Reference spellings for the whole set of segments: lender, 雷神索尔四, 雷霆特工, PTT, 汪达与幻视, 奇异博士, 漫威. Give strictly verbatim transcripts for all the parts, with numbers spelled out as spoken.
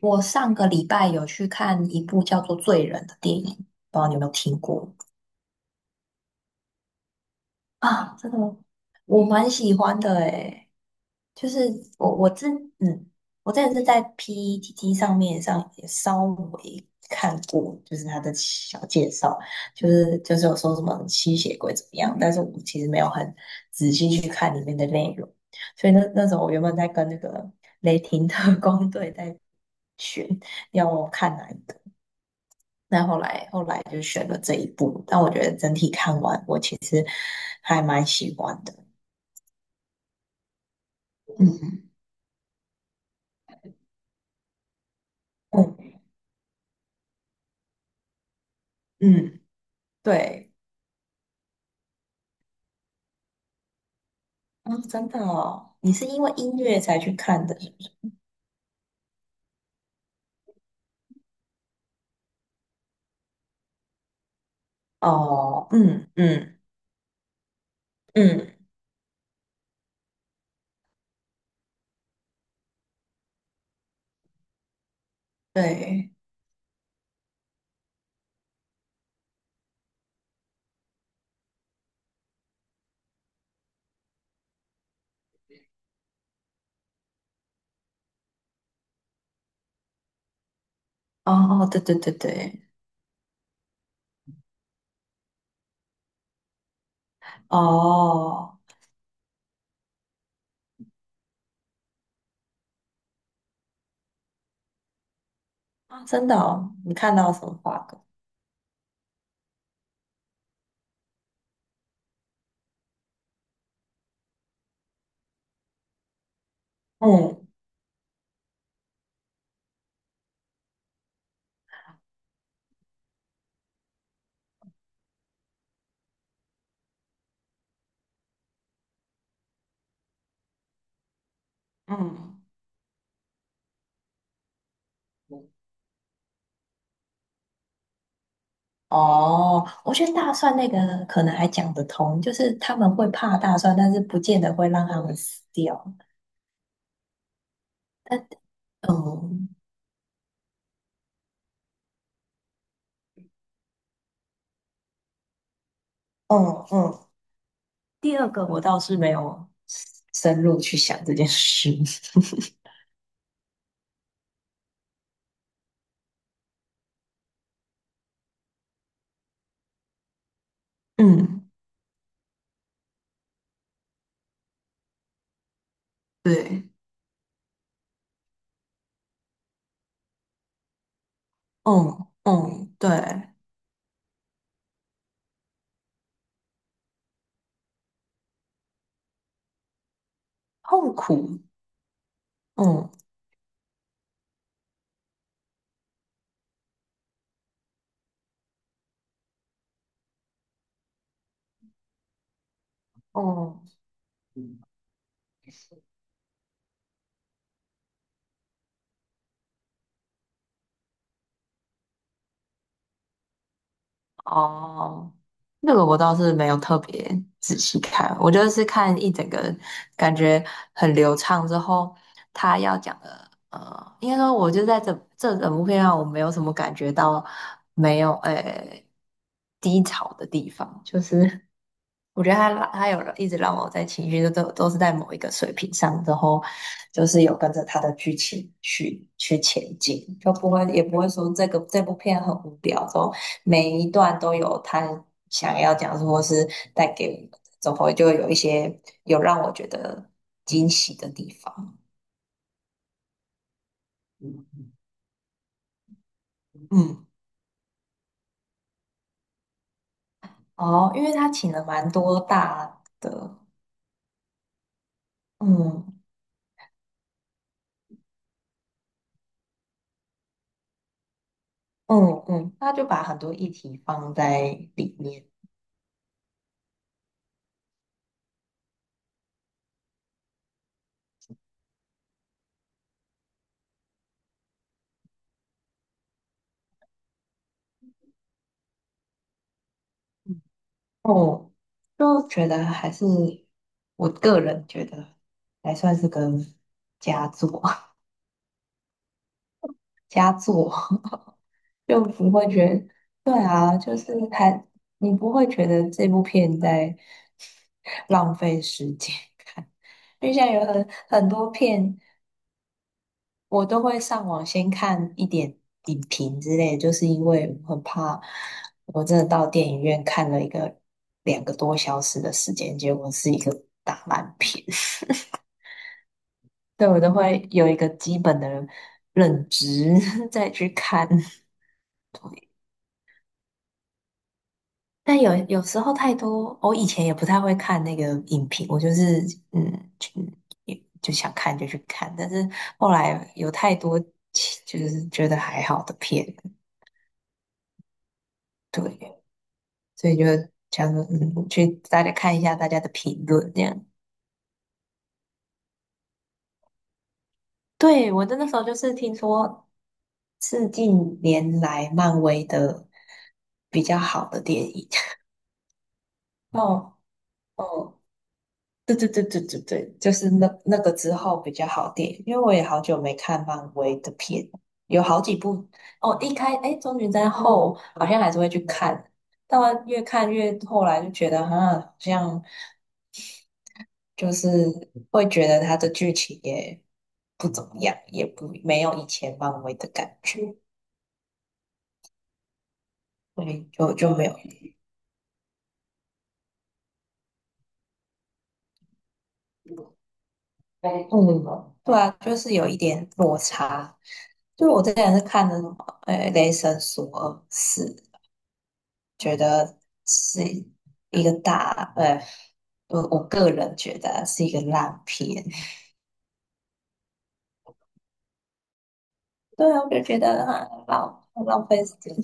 我上个礼拜有去看一部叫做《罪人》的电影，不知道你有没有听过。啊？这个我蛮喜欢的诶，就是我我之嗯，我之前是在 P T T 上面上也稍微看过，就是他的小介绍，就是就是有说什么吸血鬼怎么样，但是我其实没有很仔细去看里面的内容，所以那那时候我原本在跟那个雷霆特工 队在选要我看哪一部。那后来后来就选了这一部，但我觉得整体看完，我其实还蛮喜欢的。嗯嗯嗯，对，啊、真的哦，你是因为音乐才去看的，是不是？哦，嗯嗯嗯，对，哦哦，对对对对，哦啊，真的哦，你看到什么花梗？嗯嗯。哦，我觉得大蒜那个可能还讲得通，就是他们会怕大蒜，但是不见得会让他们死掉。哦嗯嗯，第二个我倒是没有深入去想这件事。嗯对，嗯嗯，对，痛苦。嗯嗯，哦，那个我倒是没有特别仔细看，我就是看一整个感觉很流畅之后，他要讲的，呃，应该说我就在这这整部片上，我没有什么感觉到没有诶、低潮的地方，就是 我觉得他拉他有一直让我在情绪都都是在某一个水平上，之后就是有跟着他的剧情去去前进，就不会也不会说这个这部片很无聊，之后每一段都有他想要讲述或是带给我们的，总会就会有一些有让我觉得惊喜的地方。嗯，哦，因为他请了蛮多大的，嗯嗯嗯，他就把很多议题放在里面。哦，就觉得还是我个人觉得还算是个佳作，佳作 就不会觉得，对啊，就是还你不会觉得这部片在 浪费时间看，因为现在有很很多片，我都会上网先看一点影评之类，就是因为我很怕我真的到电影院看了一个两个多小时的时间，结果是一个大烂片，对我都会有一个基本的认知 再去看。但有有时候太多，我以前也不太会看那个影评，我就是嗯，就也就想看就去看，但是后来有太多其就是觉得还好的片，对。所以就想说，嗯，去大家看一下大家的评论这样。对，我真的那时候就是听说是近年来漫威的比较好的电影。哦哦，对对对对对对，就是那那个之后比较好电影，因为我也好久没看漫威的片，有好几部哦。一开哎，终局战后好像还是会去看，但越看越后来就觉得啊，好像。就是会觉得它的剧情也不怎么样，也不没有以前漫威的感觉，所以就就没有。嗯，对啊，就是有一点落差。就我之前是看的什么，呃，《雷神索尔四》，觉得是一个大，呃，我我个人觉得是一个烂片。对啊，我就觉得很浪浪费时间。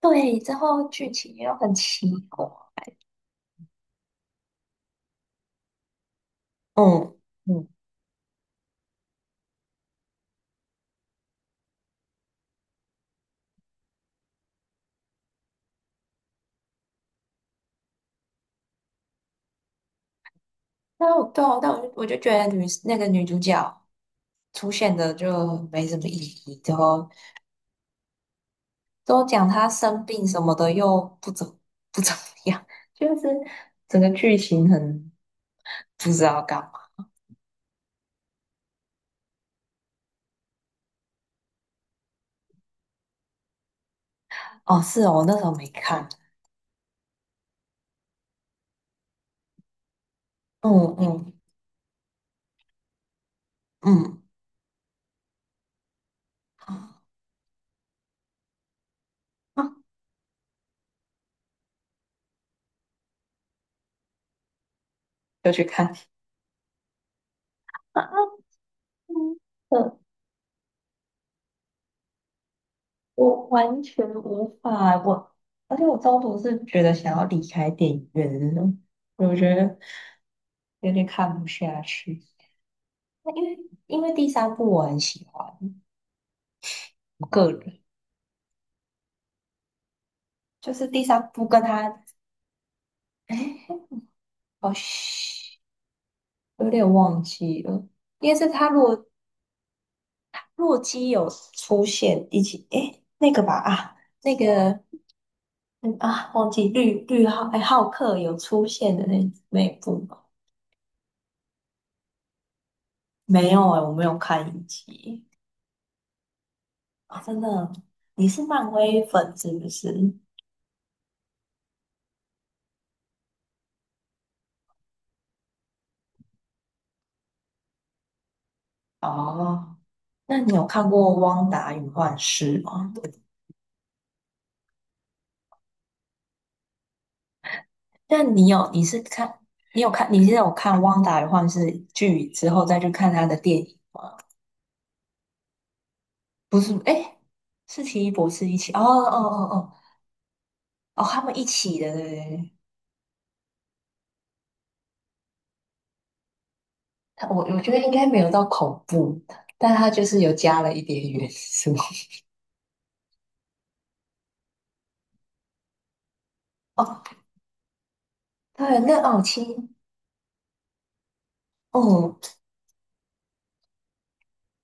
对，之后剧情又很奇怪。嗯嗯。但我对啊，但我就我就觉得女那个女主角出现的就没什么意义，然后都讲她生病什么的又不怎 不怎么样，就是整个剧情很不知道干嘛。哦，是哦，我那时候没看，嗯嗯嗯，啊，就去看啊，嗯，呃我完全无法，我而且我中途是觉得想要离开电影院的那种，我觉得有点看不下去。因为因为第三部我很喜欢，我个人就是第三部跟他，哎，哦，嘘有点忘记了，应该是他洛洛基有出现一起，哎，那个吧啊，那个嗯啊，忘记绿绿浩哎浩克有出现的那那一部吗？没有哎、我没有看一集。啊，真的，你是漫威粉是不是？哦，那你有看过《汪达与幻视》吗？但你有你是看你有看你是有看《汪达的幻视》剧之后再去看他的电影吗？不是，哎，是奇异博士一起哦哦哦哦哦，他们一起的，对对对。他我我觉得应该没有到恐怖，但他就是有加了一点元素。哦，对，那哦奇哦，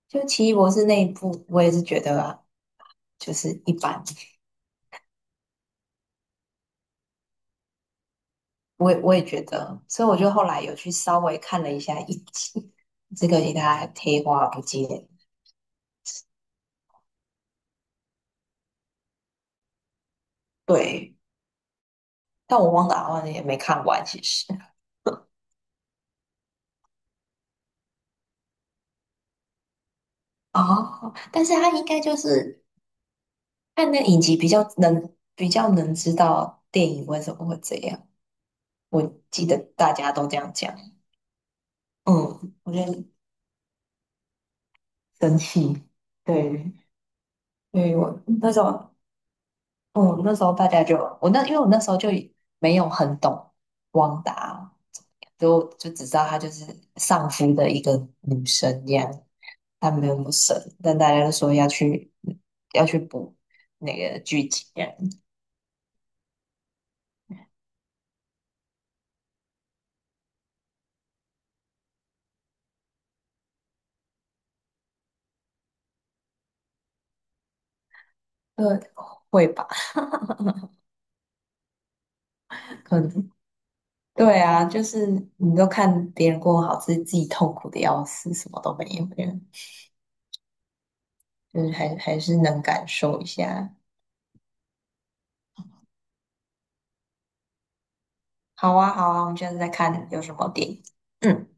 就奇异博士那一部，我也是觉得啊就是一般，我也我也觉得，所以我就后来有去稍微看了一下一集，这个给大家贴花不见。对，但我忘了，好像也没看完，其实。哦，但是他应该就是看那影集比较能比较能知道电影为什么会这样。我记得大家都这样讲，嗯，我觉得生气，对，所以我那时候，嗯，那时候大家就我那因为我那时候就没有很懂汪达，都就只知道她就是丧夫的一个女生这样，她没有那么神，但大家都说要去要去补那个剧情这样，呃，会吧？可能对啊，就是你都看别人过好，自己自己痛苦的要死，什么都没有，这样就是还还是能感受一下。好啊，好啊，我们现在在看有什么电影。嗯。